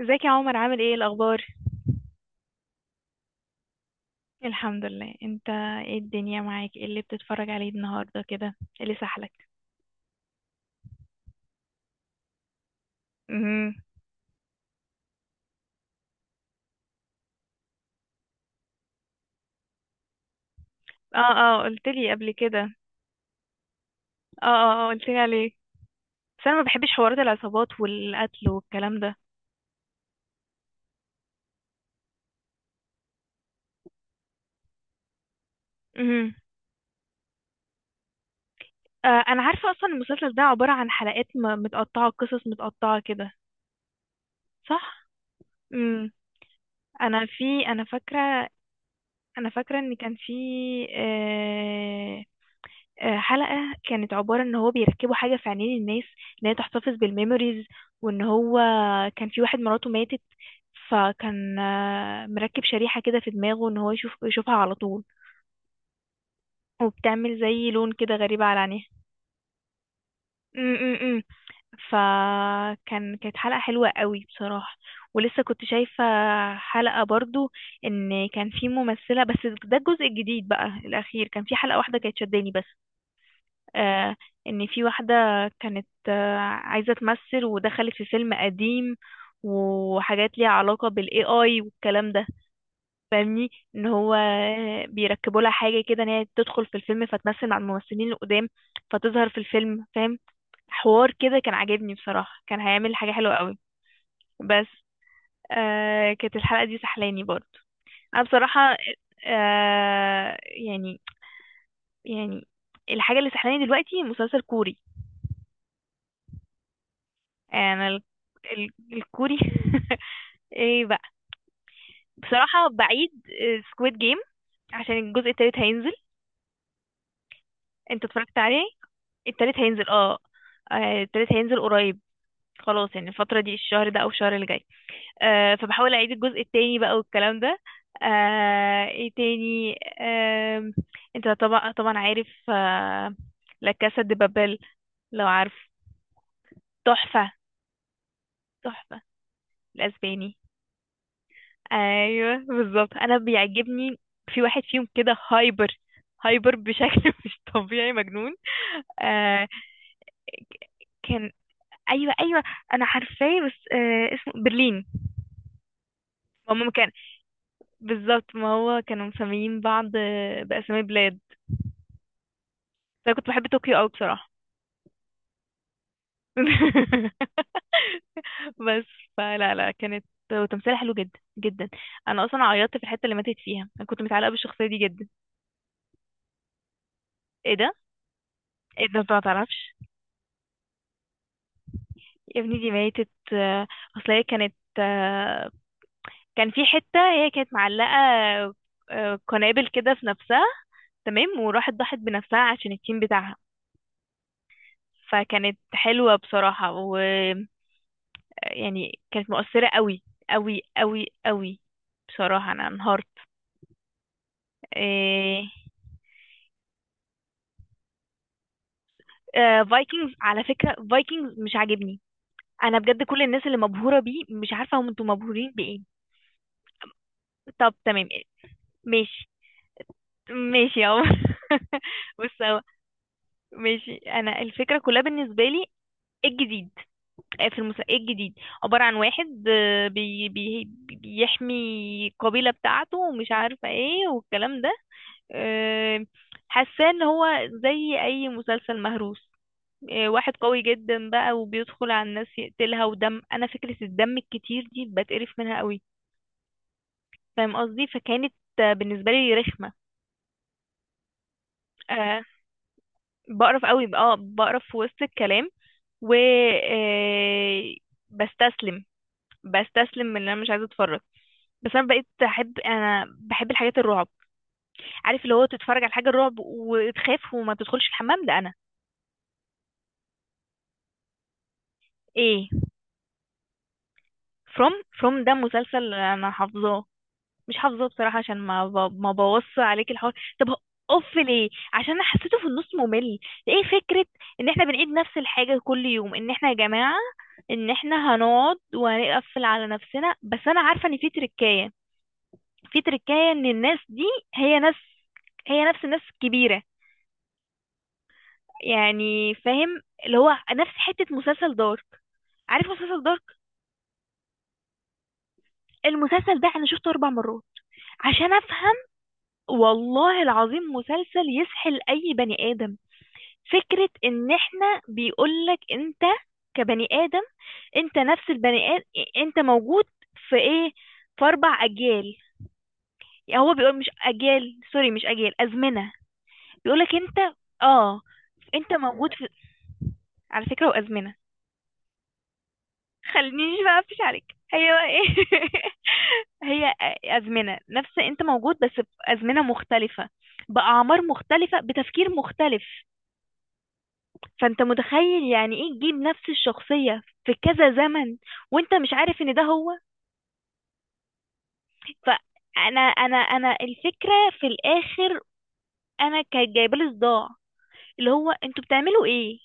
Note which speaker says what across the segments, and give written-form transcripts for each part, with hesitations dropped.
Speaker 1: ازيك يا عمر، عامل ايه؟ الاخبار؟ الحمد لله، انت. ايه الدنيا معاك؟ ايه اللي بتتفرج عليه النهارده كده؟ ايه اللي سحلك؟ امم اه، اه قلت لي قبل كده. اه اه اه قلت لي عليه. بس انا ما بحبش حوارات العصابات والقتل والكلام ده. امم آه، انا عارفه اصلا المسلسل ده عباره عن حلقات متقطعه، قصص متقطعه كده. صح. امم انا في انا فاكره انا فاكره ان كان في آه، حلقة كانت عبارة ان هو بيركبوا حاجة في عينين الناس، ان هي تحتفظ بالميموريز. وان هو كان في واحد مراته ماتت، فكان مركب شريحة كده في دماغه ان هو يشوفها على طول، وبتعمل زي لون كده غريب على عينيها. م- م- م. كانت حلقة حلوة قوي بصراحة. ولسه كنت شايفة حلقة برضو، ان كان في ممثلة بس. ده الجزء الجديد بقى الاخير، كان في حلقة واحدة كانت شداني بس. آه، ان في واحدة كانت عايزة تمثل ودخلت في فيلم قديم، وحاجات ليها علاقة بالاي اي والكلام ده، فاهمني؟ ان هو بيركبوا لها حاجة كده ان هي تدخل في الفيلم فتمثل مع الممثلين القدام، فتظهر في الفيلم، فاهم؟ حوار كده كان عاجبني بصراحة، كان هيعمل حاجة حلوة قوي. بس كانت الحلقة دي سحلاني برضه. انا بصراحة، يعني، يعني الحاجة اللي سحلاني دلوقتي مسلسل كوري. انا الكوري ايه بقى، بصراحة بعيد. سكويد جيم، عشان الجزء التالت هينزل. انت اتفرجت عليه؟ التالت هينزل، اه. التالت هينزل قريب، خلاص، يعني الفترة دي، الشهر ده او الشهر اللي جاي. فبحاول اعيد الجزء التاني بقى والكلام ده. ايه تاني؟ آم، انت طبعا طبعا عارف، لا كاسا دي بابل، لو عارف. تحفة، تحفة، الاسباني. ايوه بالظبط، انا بيعجبني. في واحد فيهم كده هايبر، هايبر بشكل مش طبيعي، مجنون. آه، كان ايوه، ايوه، انا عارفاه، بس اسمه برلين. ماما، كان بالظبط. ما هو كانوا مسميين بعض، باسامي بلاد. فانا كنت بحب طوكيو قوي بصراحه. بس فلا، لا، كانت، وتمثيلها حلو جدا جدا. انا اصلا عيطت في الحته اللي ماتت فيها، انا كنت متعلقه بالشخصيه دي جدا. ايه ده، ايه ده، انت ما تعرفش؟ يا ابني دي ماتت. اصل هي كانت، كان في حتة هي كانت معلقة قنابل كده في نفسها، تمام، وراحت ضحت بنفسها عشان التيم بتاعها. فكانت حلوة بصراحة، ويعني كانت مؤثرة قوي، قوي قوي قوي. بصراحة انا انهارت. إيه... فايكنجز، على فكرة فايكنجز مش عاجبني. انا بجد كل الناس اللي مبهورة بيه، مش عارفة هم انتوا مبهورين بايه. طب تمام، ماشي، ماشي يا عمر. بص، هو، ماشي، انا الفكره كلها بالنسبه لي، ايه الجديد؟ في المسا، ايه الجديد؟ عباره عن واحد بي بي بيحمي القبيله بتاعته، ومش عارفه ايه والكلام ده. آه، حاساه ان هو زي اي مسلسل مهروس، واحد قوي جدا بقى وبيدخل على الناس يقتلها، ودم. انا فكره الدم الكتير دي بتقرف منها قوي، فاهم قصدي؟ فكانت بالنسبه لي رخمه. آه، بقرف قوي، بقرف في وسط الكلام و بستسلم، من ان انا مش عايزه اتفرج. بس انا بقيت احب انا بحب الحاجات الرعب. عارف اللي هو تتفرج على حاجه الرعب وتخاف وما تدخلش الحمام ده، انا. ايه؟ فروم؟ فروم ده مسلسل انا حافظاه. مش حافظه بصراحه، عشان ما ما بوص عليك الحوار. طب هو- اوف، ليه؟ عشان انا حسيته في النص ممل. ايه فكره ان احنا بنعيد نفس الحاجه كل يوم، ان احنا يا جماعه، ان احنا هنقعد وهنقفل على نفسنا. بس انا عارفه ان في تركايه، في تركايه ان الناس دي، هي ناس هي نفس الناس الكبيره. يعني فاهم اللي هو نفس حته مسلسل دارك. عارف مسلسل دارك؟ المسلسل ده انا شفته 4 مرات عشان افهم. والله العظيم مسلسل يسحل اي بني ادم. فكرة ان احنا، بيقولك انت كبني ادم، انت نفس البني ادم، انت موجود في ايه، في 4 اجيال. يعني هو بيقول، مش اجيال، سوري، مش اجيال، ازمنة. بيقولك انت، اه، انت موجود في، على فكرة، وازمنة. خلينيش بقى اقفش عليك. هي بقى ايه؟ هي، ازمنة، نفس، انت موجود بس بازمنة مختلفة، باعمار مختلفة، بتفكير مختلف. فانت متخيل يعني ايه تجيب نفس الشخصية في كذا زمن، وانت مش عارف ان ده هو. فانا انا انا الفكرة في الاخر، انا كانت جايبه لي صداع. اللي هو انتوا بتعملوا ايه؟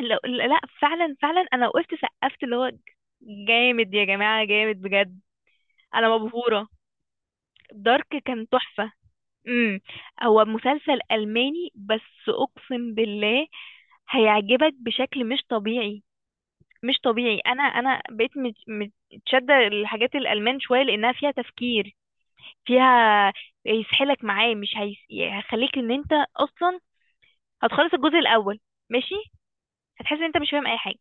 Speaker 1: لا، لا، فعلا فعلا، انا وقفت سقفت، اللي هو جامد يا جماعة، جامد بجد، انا مبهورة. دارك كان تحفة. امم هو مسلسل ألماني، بس اقسم بالله هيعجبك بشكل مش طبيعي، مش طبيعي. انا بقيت متشده الحاجات الالمان شويه، لانها فيها تفكير، فيها، يسحلك معاه. مش هيس... هيخليك ان انت اصلا، هتخلص الجزء الاول، ماشي، هتحس ان انت مش فاهم اي حاجه.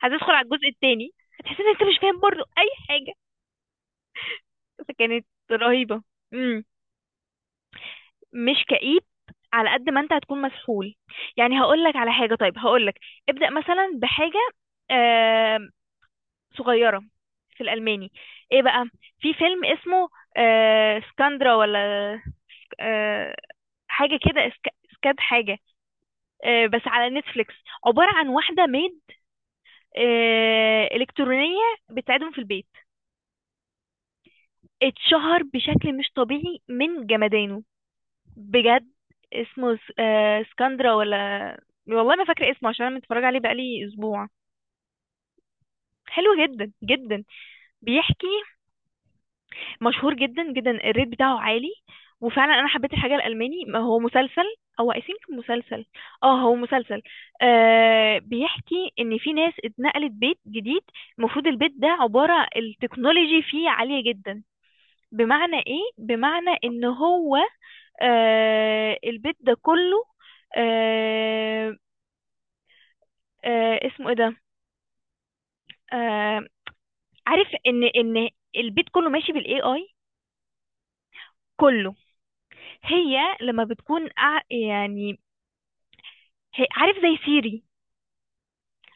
Speaker 1: هتدخل على الجزء التاني، هتحس ان انت مش فاهم برضه اي حاجه. فكانت رهيبه. امم مش كئيب، على قد ما انت هتكون مسحول. يعني هقول لك على حاجه، طيب، هقول لك ابدأ مثلا بحاجه آه، صغيرة في الألماني. ايه بقى، في فيلم اسمه سكاندرا، ولا آه حاجة كده، سكاد حاجة، بس على نتفليكس. عبارة عن واحدة ميد إلكترونية، بتساعدهم في البيت. اتشهر بشكل مش طبيعي من جمدانه، بجد. اسمه سكاندرا، ولا، والله ما فاكرة اسمه، عشان انا متفرجة عليه بقالي اسبوع. حلو جدا جدا. بيحكي، مشهور جدا جدا، الريت بتاعه عالي. وفعلا انا حبيت الحاجه الالماني. ما هو مسلسل، او اي ثينك مسلسل. اه هو مسلسل. بيحكي ان في ناس اتنقلت بيت جديد. المفروض البيت ده عباره التكنولوجي فيه عاليه جدا. بمعنى ايه؟ بمعنى ان هو، البيت ده كله، آه اسمه ايه ده، آه عارف، ان البيت كله ماشي بالاي اي، كله. هي لما بتكون يعني، هي، عارف، زي سيري،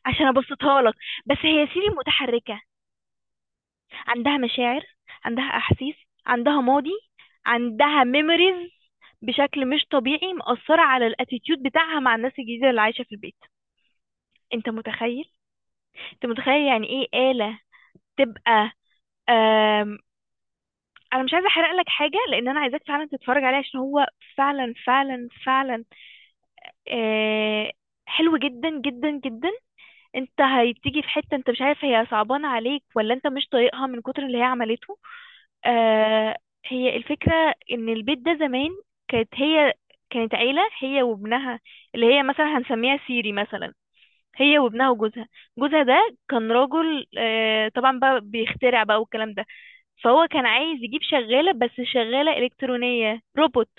Speaker 1: عشان ابسطها لك، بس هي سيري متحركة. عندها مشاعر، عندها احاسيس، عندها ماضي، عندها ميموريز، بشكل مش طبيعي مأثرة على الاتيتيود بتاعها مع الناس الجديدة اللي عايشة في البيت. انت متخيل، انت متخيل يعني ايه آلة تبقى آم... انا مش عايزة احرق لك حاجة، لان انا عايزاك فعلا تتفرج عليه، عشان هو فعلا فعلا فعلا آه... حلو جدا جدا جدا. انت هتيجي في حتة انت مش عارف هي صعبانة عليك ولا انت مش طايقها من كتر اللي هي عملته. آه هي الفكرة، ان البيت ده زمان، كانت هي، كانت عيلة هي وابنها، اللي هي مثلا هنسميها سيري مثلا، هي وابنها وجوزها. جوزها ده كان راجل، طبعا بقى، بيخترع بقى والكلام ده، فهو كان عايز يجيب شغالة، بس شغالة إلكترونية، روبوت.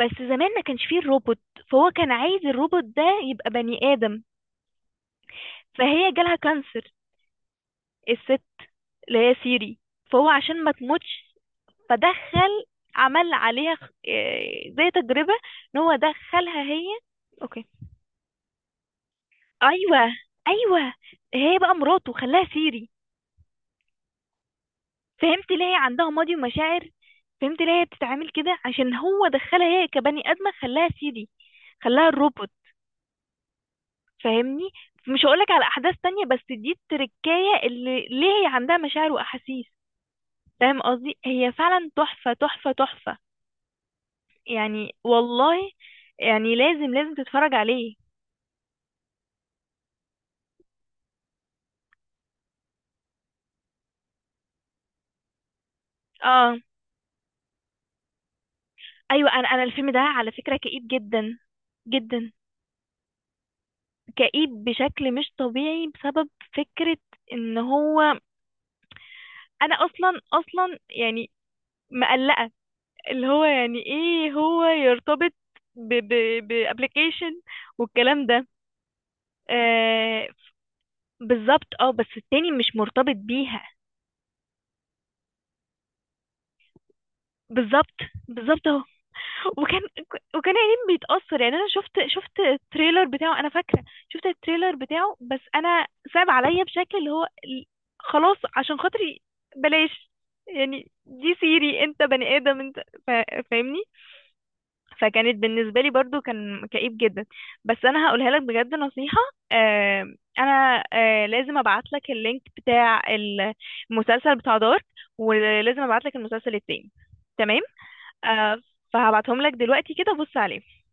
Speaker 1: بس زمان ما كانش فيه الروبوت، فهو كان عايز الروبوت ده يبقى بني آدم. فهي جالها كانسر، الست، اللي هي سيري. فهو عشان ما تموتش، فدخل، عمل عليها، خ- إيه، زي تجربة، ان هو دخلها هي، اوكي، ايوه، ايوه. هي بقى مراته، خلاها سيري. فهمت ليه هي عندها ماضي ومشاعر؟ فهمت ليه هي بتتعامل كده؟ عشان هو دخلها هي كبني ادمه، خلاها سيري، خلاها الروبوت، فاهمني؟ مش هقولك على احداث تانية، بس دي التركية اللي ليه هي عندها مشاعر واحاسيس، فاهم قصدي؟ هي فعلا تحفة، تحفة، تحفة، يعني والله. يعني لازم لازم تتفرج عليه. اه، ايوه، انا الفيلم ده على فكرة كئيب جدا جدا، كئيب بشكل مش طبيعي، بسبب فكرة ان هو، انا اصلا اصلا يعني مقلقة، اللي هو يعني ايه هو يرتبط ب ب بابليكيشن والكلام ده. آه بالظبط، بس التاني مش مرتبط بيها. بالظبط، بالظبط اهو. وكان وكان يعني بيتأثر، يعني انا شفت التريلر بتاعه، انا فاكرة، شفت التريلر بتاعه، بس انا صعب عليا بشكل اللي هو خلاص عشان خاطري، بلاش. يعني دي سيري، انت بني ادم انت، فاهمني؟ فكانت بالنسبة لي برضو كان كئيب جدا. بس انا هقولها لك بجد نصيحة. انا لازم ابعت لك اللينك بتاع المسلسل بتاع دارك، ولازم ابعت لك المسلسل التاني، تمام؟ آه فهبعتهم لك دلوقتي، كده بص عليهم.